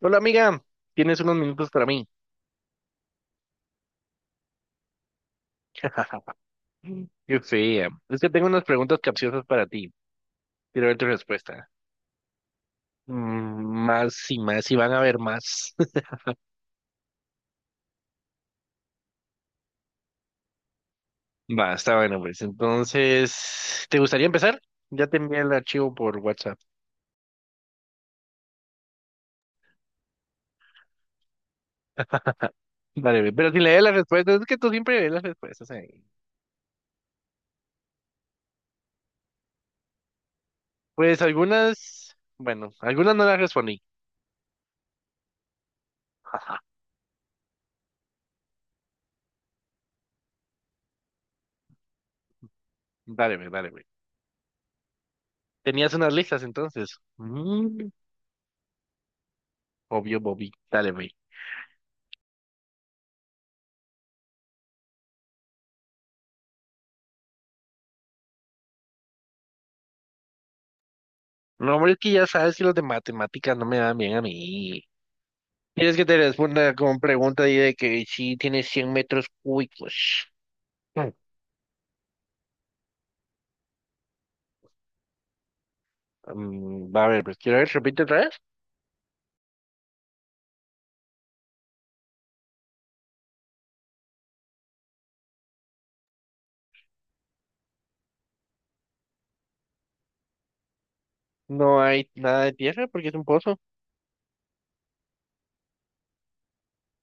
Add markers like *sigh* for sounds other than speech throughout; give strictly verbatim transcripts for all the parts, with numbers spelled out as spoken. Hola amiga, tienes unos minutos para mí. *laughs* Yo sé, es que tengo unas preguntas capciosas para ti. Quiero ver tu respuesta. Mm, Más y más y van a haber más. *laughs* Va, está bueno, pues. Entonces, ¿te gustaría empezar? Ya te envié el archivo por WhatsApp. Dale, ve, pero si lees las respuestas, es que tú siempre lees las respuestas ahí. Pues algunas, bueno, algunas no las respondí. *laughs* Dale, ve, dale, ve. Tenías unas listas entonces. Mm, obvio, Bobby. Dale, ve. No, hombre, es que ya sabes que los de matemáticas no me dan bien a mí. Tienes que te responda con pregunta ahí de que si tienes cien metros cúbicos. Mm, mm, va a ver, pues quiero ver, si repite otra vez. No hay nada de tierra porque es un pozo.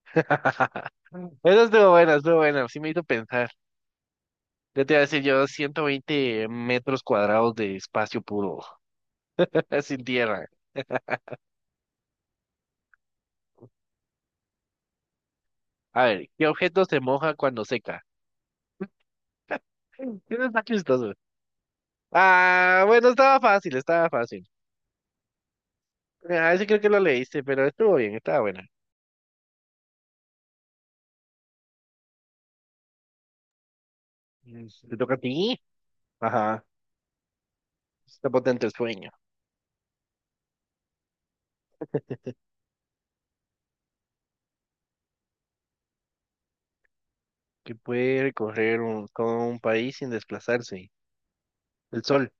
*laughs* Eso estuvo bueno, estuvo bueno, sí me hizo pensar. Yo te iba a decir yo ciento veinte metros cuadrados de espacio puro, *laughs* sin tierra. A ver, ¿qué objeto se moja cuando seca? Eso está chistoso. Ah, bueno, estaba fácil, estaba fácil. A ese creo que lo leíste, pero estuvo bien, estaba buena. Mm, Te toca a ti. Ajá. Está potente el sueño. Que puede recorrer un, todo un país sin desplazarse. El sol.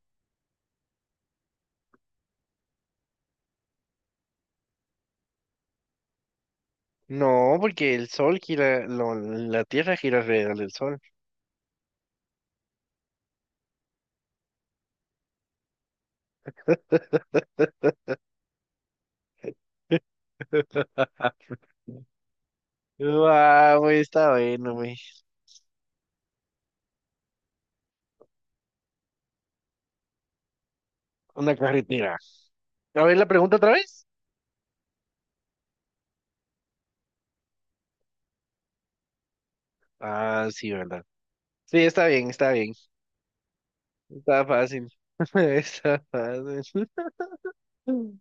No, porque el sol gira, lo- la tierra gira alrededor del sol. *laughs* Wow, güey, está bueno, güey. Una carretera. A ver la pregunta otra vez. Ah, sí, verdad. Sí, está bien, está bien. Está fácil. *laughs* Está fácil. *laughs*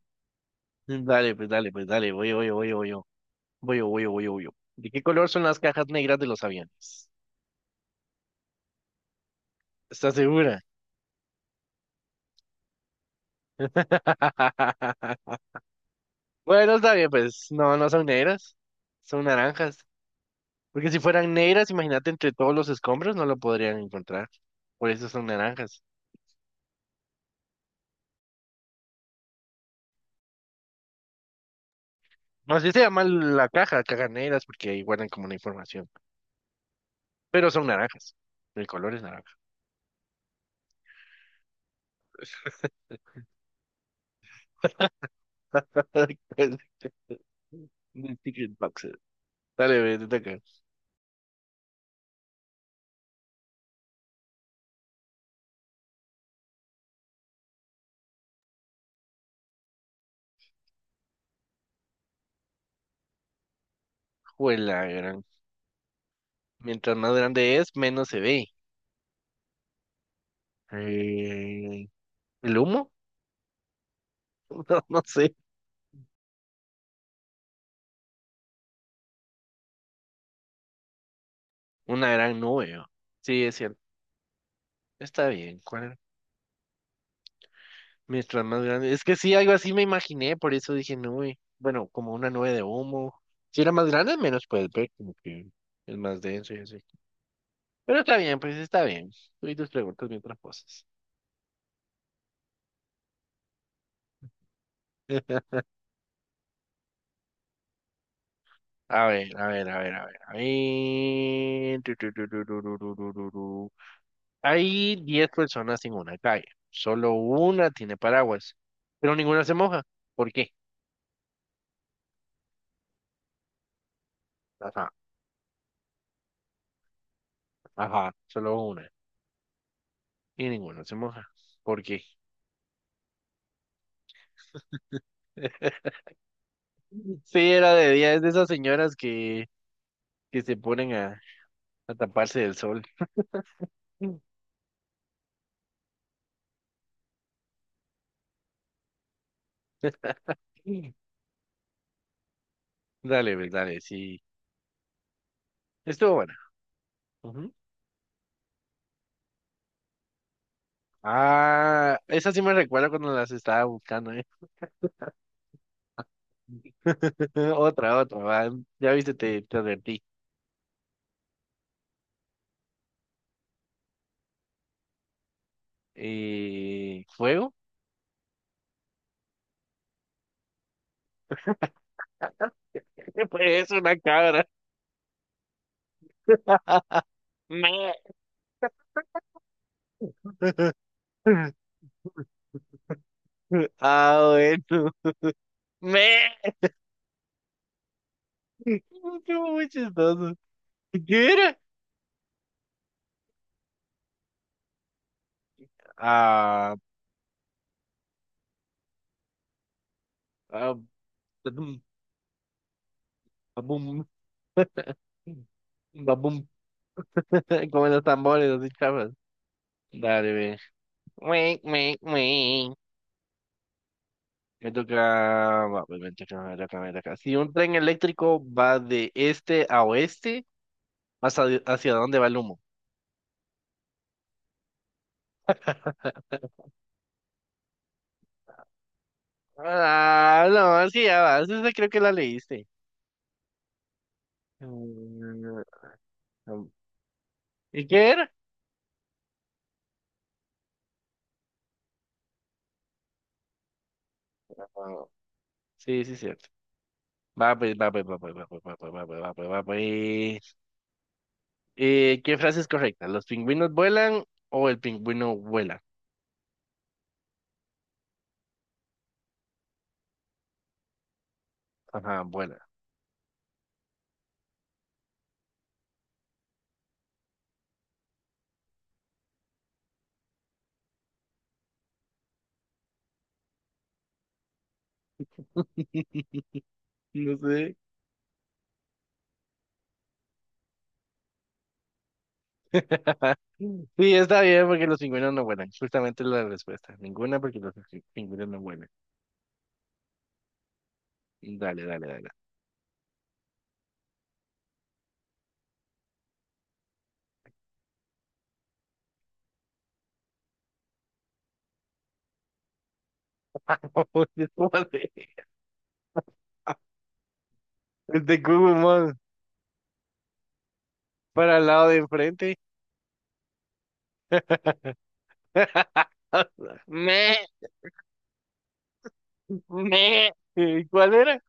Dale, pues, dale, pues, dale, voy, voy, voy. voy. Voy yo, voy yo, voy yo, voy yo. ¿De qué color son las cajas negras de los aviones? ¿Estás segura? *laughs* Bueno, está bien, pues no, no son negras, son naranjas. Porque si fueran negras, imagínate entre todos los escombros no lo podrían encontrar. Por eso son naranjas. No sé si se llama la caja, cajas negras, porque ahí guardan como la información. Pero son naranjas. El color es naranja. *laughs* The Secret boxes. Dale, ve, te toca. Juela, gran. Mientras más grande es, menos se ve. Eh, ¿El humo? *laughs* No, no sé. Una gran nube, ¿no? Sí, es cierto. Está bien. ¿Cuál? Mientras más grande. Es que sí, algo así me imaginé, por eso dije nube. Bueno, como una nube de humo. Si era más grande, menos puedes ver, como que es más denso y así. Pero está bien, pues está bien. Tú y tus preguntas mientras posas. *laughs* A ver, a ver, a ver, a ver, a ver. Tu, tu, tu, tu, tu, tu, tu, tu, tu, tu. Hay diez personas en una calle. Solo una tiene paraguas, pero ninguna se moja. ¿Por qué? Ajá. Ajá, solo una. Y ninguna se moja. ¿Por qué? *laughs* Sí, era de día. Es de esas señoras que, que se ponen a, a taparse del sol. *laughs* Dale, pues, dale, sí. Estuvo buena. Ujú. Ah, esa sí me recuerda cuando las estaba buscando, ¿eh? *laughs* Otra, otra, va. Ya viste, te, te advertí. Eh, ¿fuego? *laughs* Pues es una cabra. *laughs* Me. *laughs* Ah, bueno. Me. *laughs* Estuvo muy chistoso. ¿Qué era? Ah, ah, badum, babum, babum, *laughs* como los tambores, así chavas. Dale, ve. Ué, ué, ué. Me toca, va, pues, me toca, me toca, me toca. Si un tren eléctrico va de este a oeste, ¿hacia, hacia dónde va el humo? *laughs* Ah, no, sí, ya vas. Esa creo que la leíste. Mm, ¿Y qué era? Ah, Sí, sí, sí. Va pues, va pues, va pues, va pues, va pues, va pues, va pues, va pues. Eh, ¿qué frase es correcta? ¿Los pingüinos vuelan o el pingüino vuela? Ajá, vuela. *laughs* No sé. *laughs* Sí, está bien porque los pingüinos no vuelan. Justamente la respuesta. Ninguna porque los pi- pingüinos no vuelan. Dale, dale, dale. *laughs* Después de Google Maps para el lado de enfrente. *laughs* Me, me. ¿Y ¿cuál era?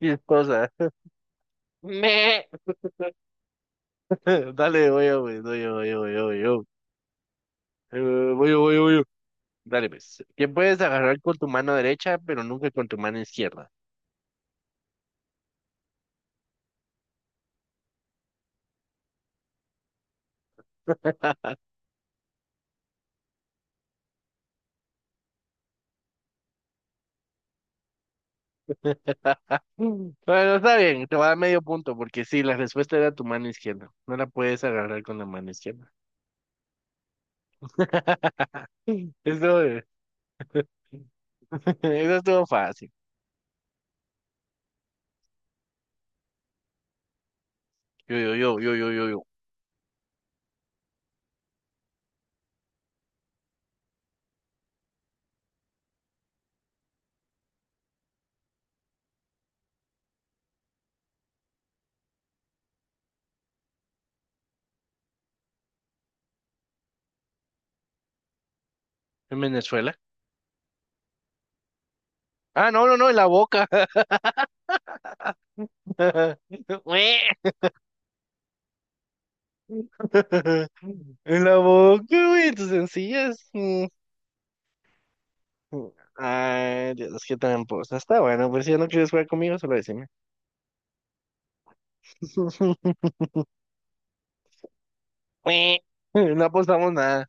Esposa. Me. *laughs* Dale, voy yo, güey, voy yo, voy yo, voy yo, voy yo. Eh, voy yo, voy yo, voy yo. Dale, pues. ¿Qué puedes agarrar con tu mano derecha, pero nunca con tu mano izquierda? *laughs* Bueno, está bien, te va a dar medio punto, porque sí, la respuesta era tu mano izquierda. No la puedes agarrar con la mano izquierda. *laughs* Eso, eh, *laughs* eso estuvo fácil. Yo, yo, yo, yo, yo, yo, yo. ¿En Venezuela? Ah, no, no, no, en la boca. *laughs* Ué. *laughs* En la boca, güey, en tus sencillas. Ay, Dios, qué tramposa. Está bueno, pues si ya no quieres jugar conmigo, solo decime. *laughs* No apostamos nada.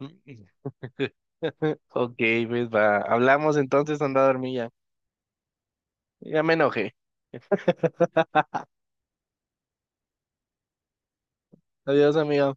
*laughs* Ok, pues va. Hablamos entonces, anda a dormir ya. Ya me enojé. Adiós, amigo.